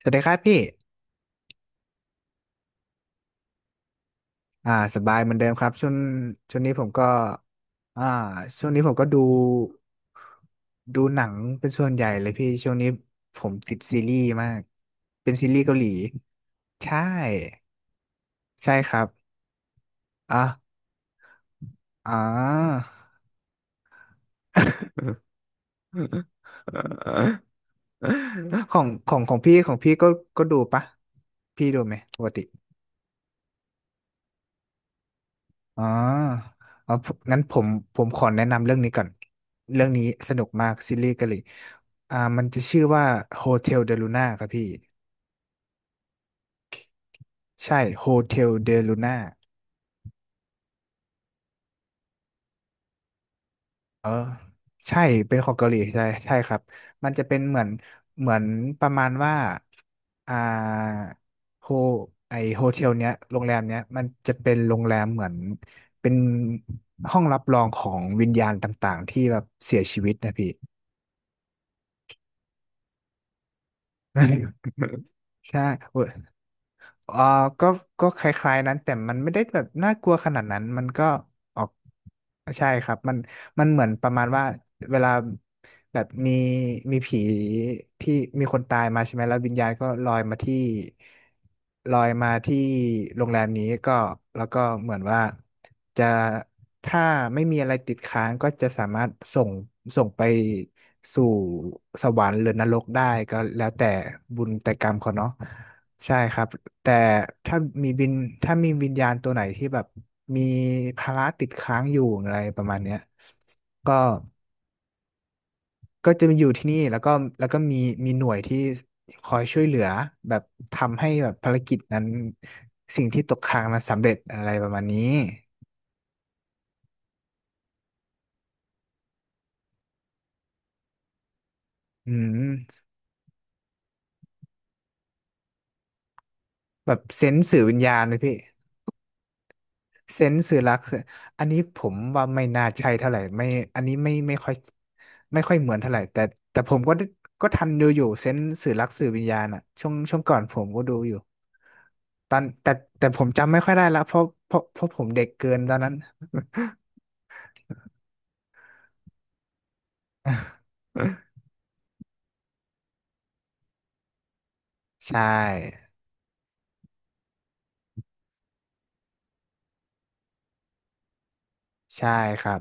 สวัสดีครับพี่สบายเหมือนเดิมครับช่วงนี้ผมก็อ่าช่วงนี้ผมก็ดูหนังเป็นส่วนใหญ่เลยพี่ช่วงนี้ผมติดซีรีส์มาก เป็นซีรีส์เกาหลีใช่ใช่ครับอ่ะอ่า ของพี่ก็ดูปะพี่ดูไหมปกติ อ๋อเอางั้นผมขอแนะนำเรื่องนี้ก่อนเรื่องนี้สนุกมากซีรีส์เกาหลีมันจะชื่อว่า Hotel de Luna ครับพี่ใช่ Hotel de Luna เออใช่เป็นของเกาหลีใช่ครับ มันจะเป็นเหมือนเหมือนประมาณว่า อ่าโฮไอโฮเทลเนี้ยโรงแรมเนี้ยมันจะเป็นโรงแรมเหมือนเป็นห้องรับรองของวิญญาณต่างๆที่แบบเสียชีวิตนะพี่ ใช่โอ้ย อ่าก็ก็คล้ายๆนั้นแต่มันไม่ได้แบบน่ากลัวขนาดนั้น มันก็ออกใช่ครับ มันเหมือนประมาณว่าเวลาแบบมีผีที่มีคนตายมาใช่ไหม แล้ววิญญาณก็ลอยมาที่ลอยมาที่โรงแรมนี้ก็แล้วก็เหมือนว่าจะถ้าไม่มีอะไรติดค้างก็จะสามารถส่งไปสู่สวรรค์หรือนรกได้ก็แล้วแต่บุญแต่กรรมเขาเนาะ ใช่ครับแต่ถ้ามีวิญถ้ามีวิญญาณตัวไหนที่แบบมีภาระติดค้างอยู่อะไรประมาณเนี้ยก็ก็จะมาอยู่ที่นี่แล้วก็แล้วก็มีมีหน่วยที่คอยช่วยเหลือแบบทำให้แบบภารกิจนั้นสิ่งที่ตกค้างนั้นสำเร็จอะไรประมาณนี้อืมแบบเซนส์สื่อวิญญาณเลยพี่ เซนส์สื่อรักคืออันนี้ผมว่าไม่น่าใช่เท่าไหร่ไม่อันนี้ไม่ค่อยไม่ค่อยเหมือนเท่าไหร่แต่แต่ผมก็ก็ทันดูอยู่เซนส์สื่อรักสื่อวิญญาณอะช่วงก่อนผมก็ดูอยู่ตอนแต่แต่ผมจำไม่ค่อยได้ละเพราะผมเด็กเกินตอนนั้น ใช่ใช่ครับ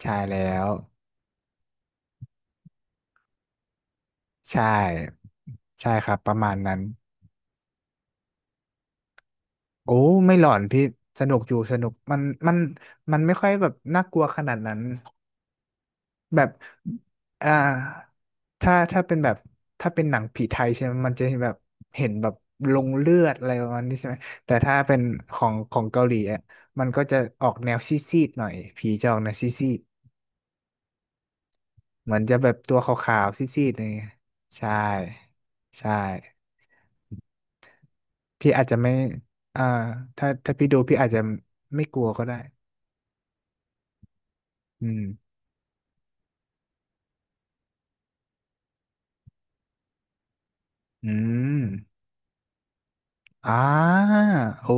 ใช่แล้วใช่ใช่ครับประมาณนั้นโอ้ไม่หลอนพี่สนุกอยู่สนุกมันมันไม่ค่อยแบบน่ากลัวขนาดนั้น แบบ อ่าถ้าเป็นแบบถ้าเป็นหนังผีไทยใช่ไหมมันจะแบบเห็นแบบลงเลือดอะไรประมาณนี้ใช่ไหมแต่ถ้าเป็นของเกาหลีอ่ะมันก็จะออกแนวซีดๆหน่อยผีจะออกแนวซีดๆเหมือนจะแบบตัวขาวๆซีดๆอะไรเงี้ยใช่ ใช่ พี่อาจจะไม่อ่าถ้าพี่ดูพี่อาจจะไม่กลัวก็ได้ อืม อืม อ่าโอ้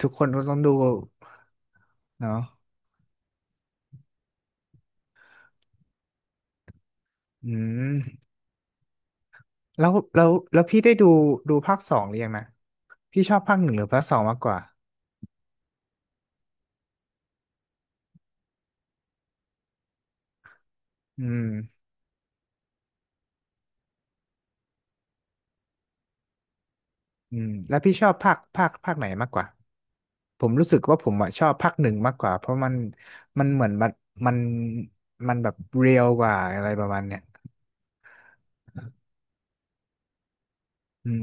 ทุกคนก็ต้องดูเนาะ อืมแล้วพี่ได้ดูดูภาคสองหรือยังนะพี่ชอบภาคหนึ่งหรือภาคสองมากกว่าอืมอืมแล้วพี่ชอบภาคไหนมากกว่าผมรู้สึกว่าผมอะชอบภาคหนึ่งมากกว่าเพราะมันมันเหมือนมันมันมันแบบเรียลกว่าอะไรประมาณเนี้ยอืม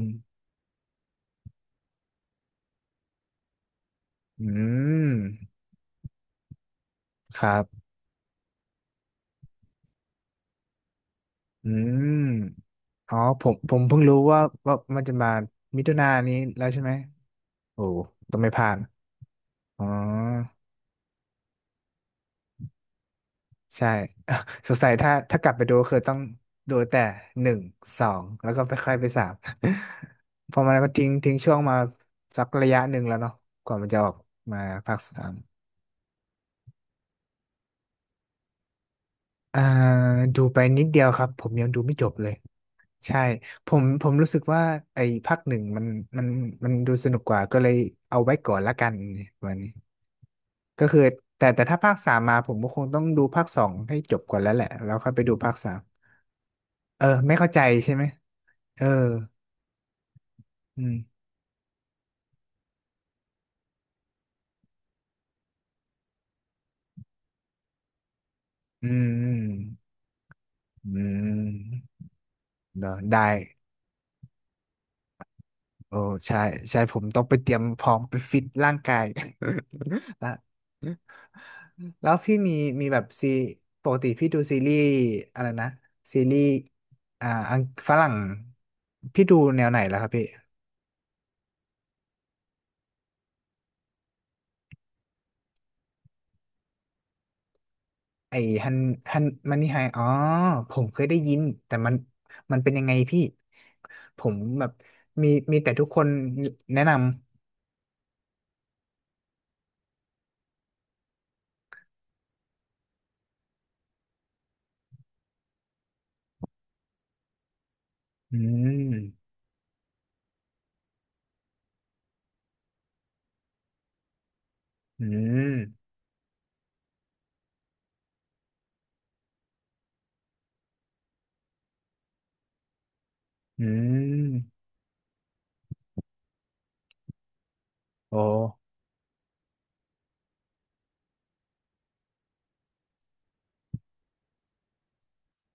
อืมครับอืมอ๋อผมเพิ่งรู้ว่าว่ามันจะมามิถุนายนนี้แล้วใช่ไหมโอ้ต้องไม่พลาดอ๋อ ใช่ สงสัยถ้ากลับไปดูคือต้องดูแต่หนึ่งสองแล้วก็ไปค่อยไปสาม เพอมันก็ทิ้งช่วงมาสักระยะหนึ่งแล้วเนาะกว่ามันจะออกมาภาคสามอ่าดูไปนิดเดียวครับผมยังดูไม่จบเลยใช่ผมรู้สึกว่าไอ้ภาคหนึ่งมันมันดูสนุกกว่าก็เลยเอาไว้ก่อนละกันวันนี้ก็คือแต่ถ้าภาคสามมาผมก็คงต้องดูภาคสองให้จบก่อนแล้วแหละแล้วค่อยไปดูภาคสามเออไม่เข้าใจใช่ไหมเออ อืมอืมอืมอืมเนอะได้โอ้ใช่ใช่ผมต้องไปเตรียมพร้อมไปฟิตร่างกาย แล้วแล้วพี่มีแบบปกติพี่ดูซีรีส์อะไรนะซีรีส์อ่าอังฝรั่งพี่ดูแนวไหนแล้วครับพี่ไอ้ฮันฮันมันนี่ไฮอ๋อผมเคยได้ยินแต่มันเป็นยังไงพี่ผมแบบมีมีแต่ทุกคนแนะนำอืมอืมอืม โอ้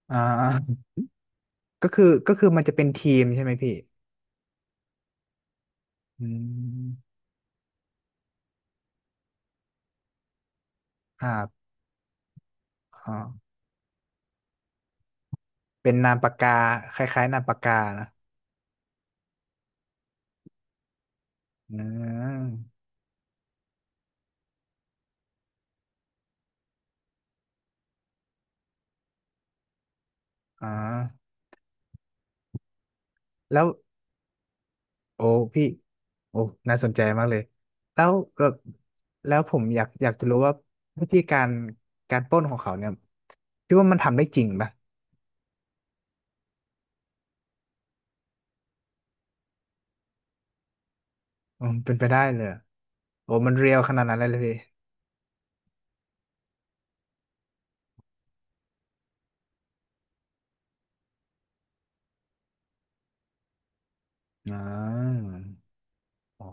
อ่าก็คือมันจะเป็นทีมใช่ไหมพี่อืมครับอ๋อเป็นนามปากกาคล้ายๆนามปากกานะอืมอ๋อแล้วโอ้พี่โอ้น่าสนใจมากเลย แล้วแบบแล้วผมอยากจะรู้ว่าวิธีการการปล้นของเขาเนี่ยพี่ว่ามันทำได้จริงปะอืมเป็นไปได้เลยอะโอ้มันเรียลขนาดนั้นเลยเลยพี่อ่าอ๋อ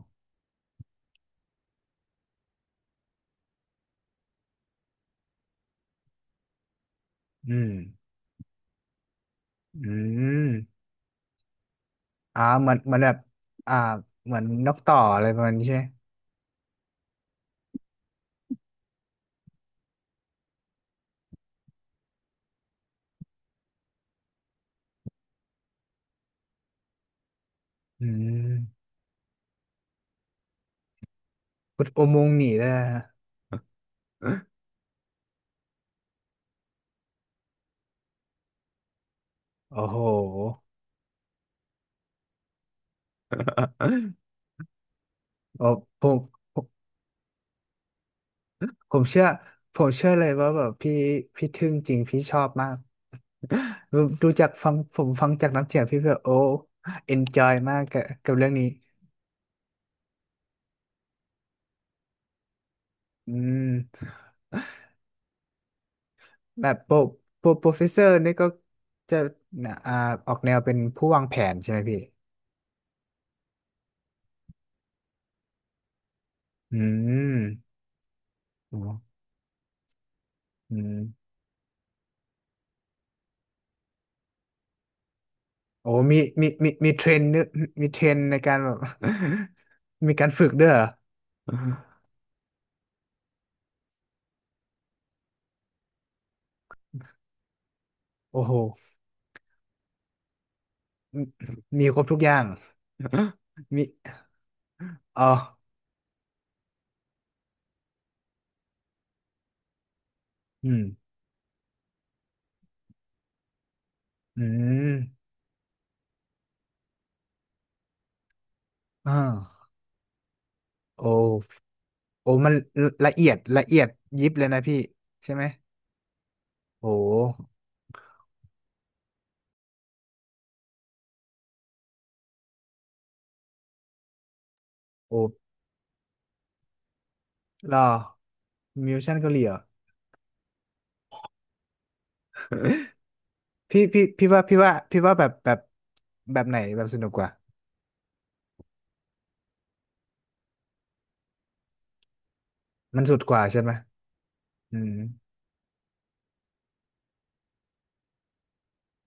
อืมอืม เหมือนแบบอ่าเหมือนนกต่ออะไรประมาณนี้ใช่ไหมอืมขุดอุโมงค์หนีได้นะฮะโอ้โหโอ้ผมผมผมเชื่อผมเชื่อเลยว่าแบบพี่พี่ทึ่งจริงพี่ชอบมากดูจากฟังผมฟังจากน้ำเสียงพี่แบบโอ้เอนจอยมากกับกับเรื่องนี้อืมแบบโปรเฟสเซอร์นี่ก็จะอ่าออกแนวเป็นผู้วางแผนใช่ไหมพี่อืมโอ้อืม โอ้มีมีเทรนเนอร์มีเทรนในการแบบ มีการฝึกด้วยเหรอโอ้โหมีมีครบทุกอย่างมีอ๋ออืมอืมอ่าโอ้โอ้มันละเอียดยิบเลยนะพี่ใช่ไหมโอ้โอ้รอมิวชั่นเกาหลีเหรอพี่ว่าแบบแบบไหนแบบสนุกกว่ามันสุดกว่าใช่ไหมอืม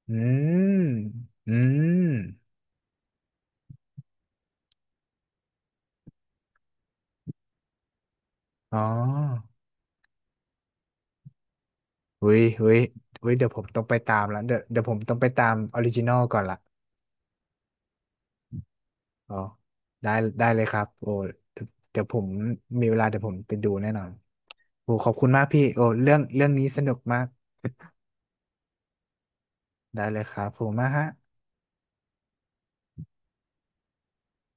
อืมอืม อ๋อเว้ยเว้ยเว้ยเดี๋ยวผมต้องไปตามละเดี๋ยวผมต้องไปตามออริจินอลก่อนละอ๋อได้ได้เลยครับโอ้เดี๋ยวผมมีเวลาเดี๋ยวผมไปดูแน่นอนโอ้ขอบคุณมากพี่โอ้เรื่องนี้สนุกมากได้เลยครับขอบคุณมากฮะ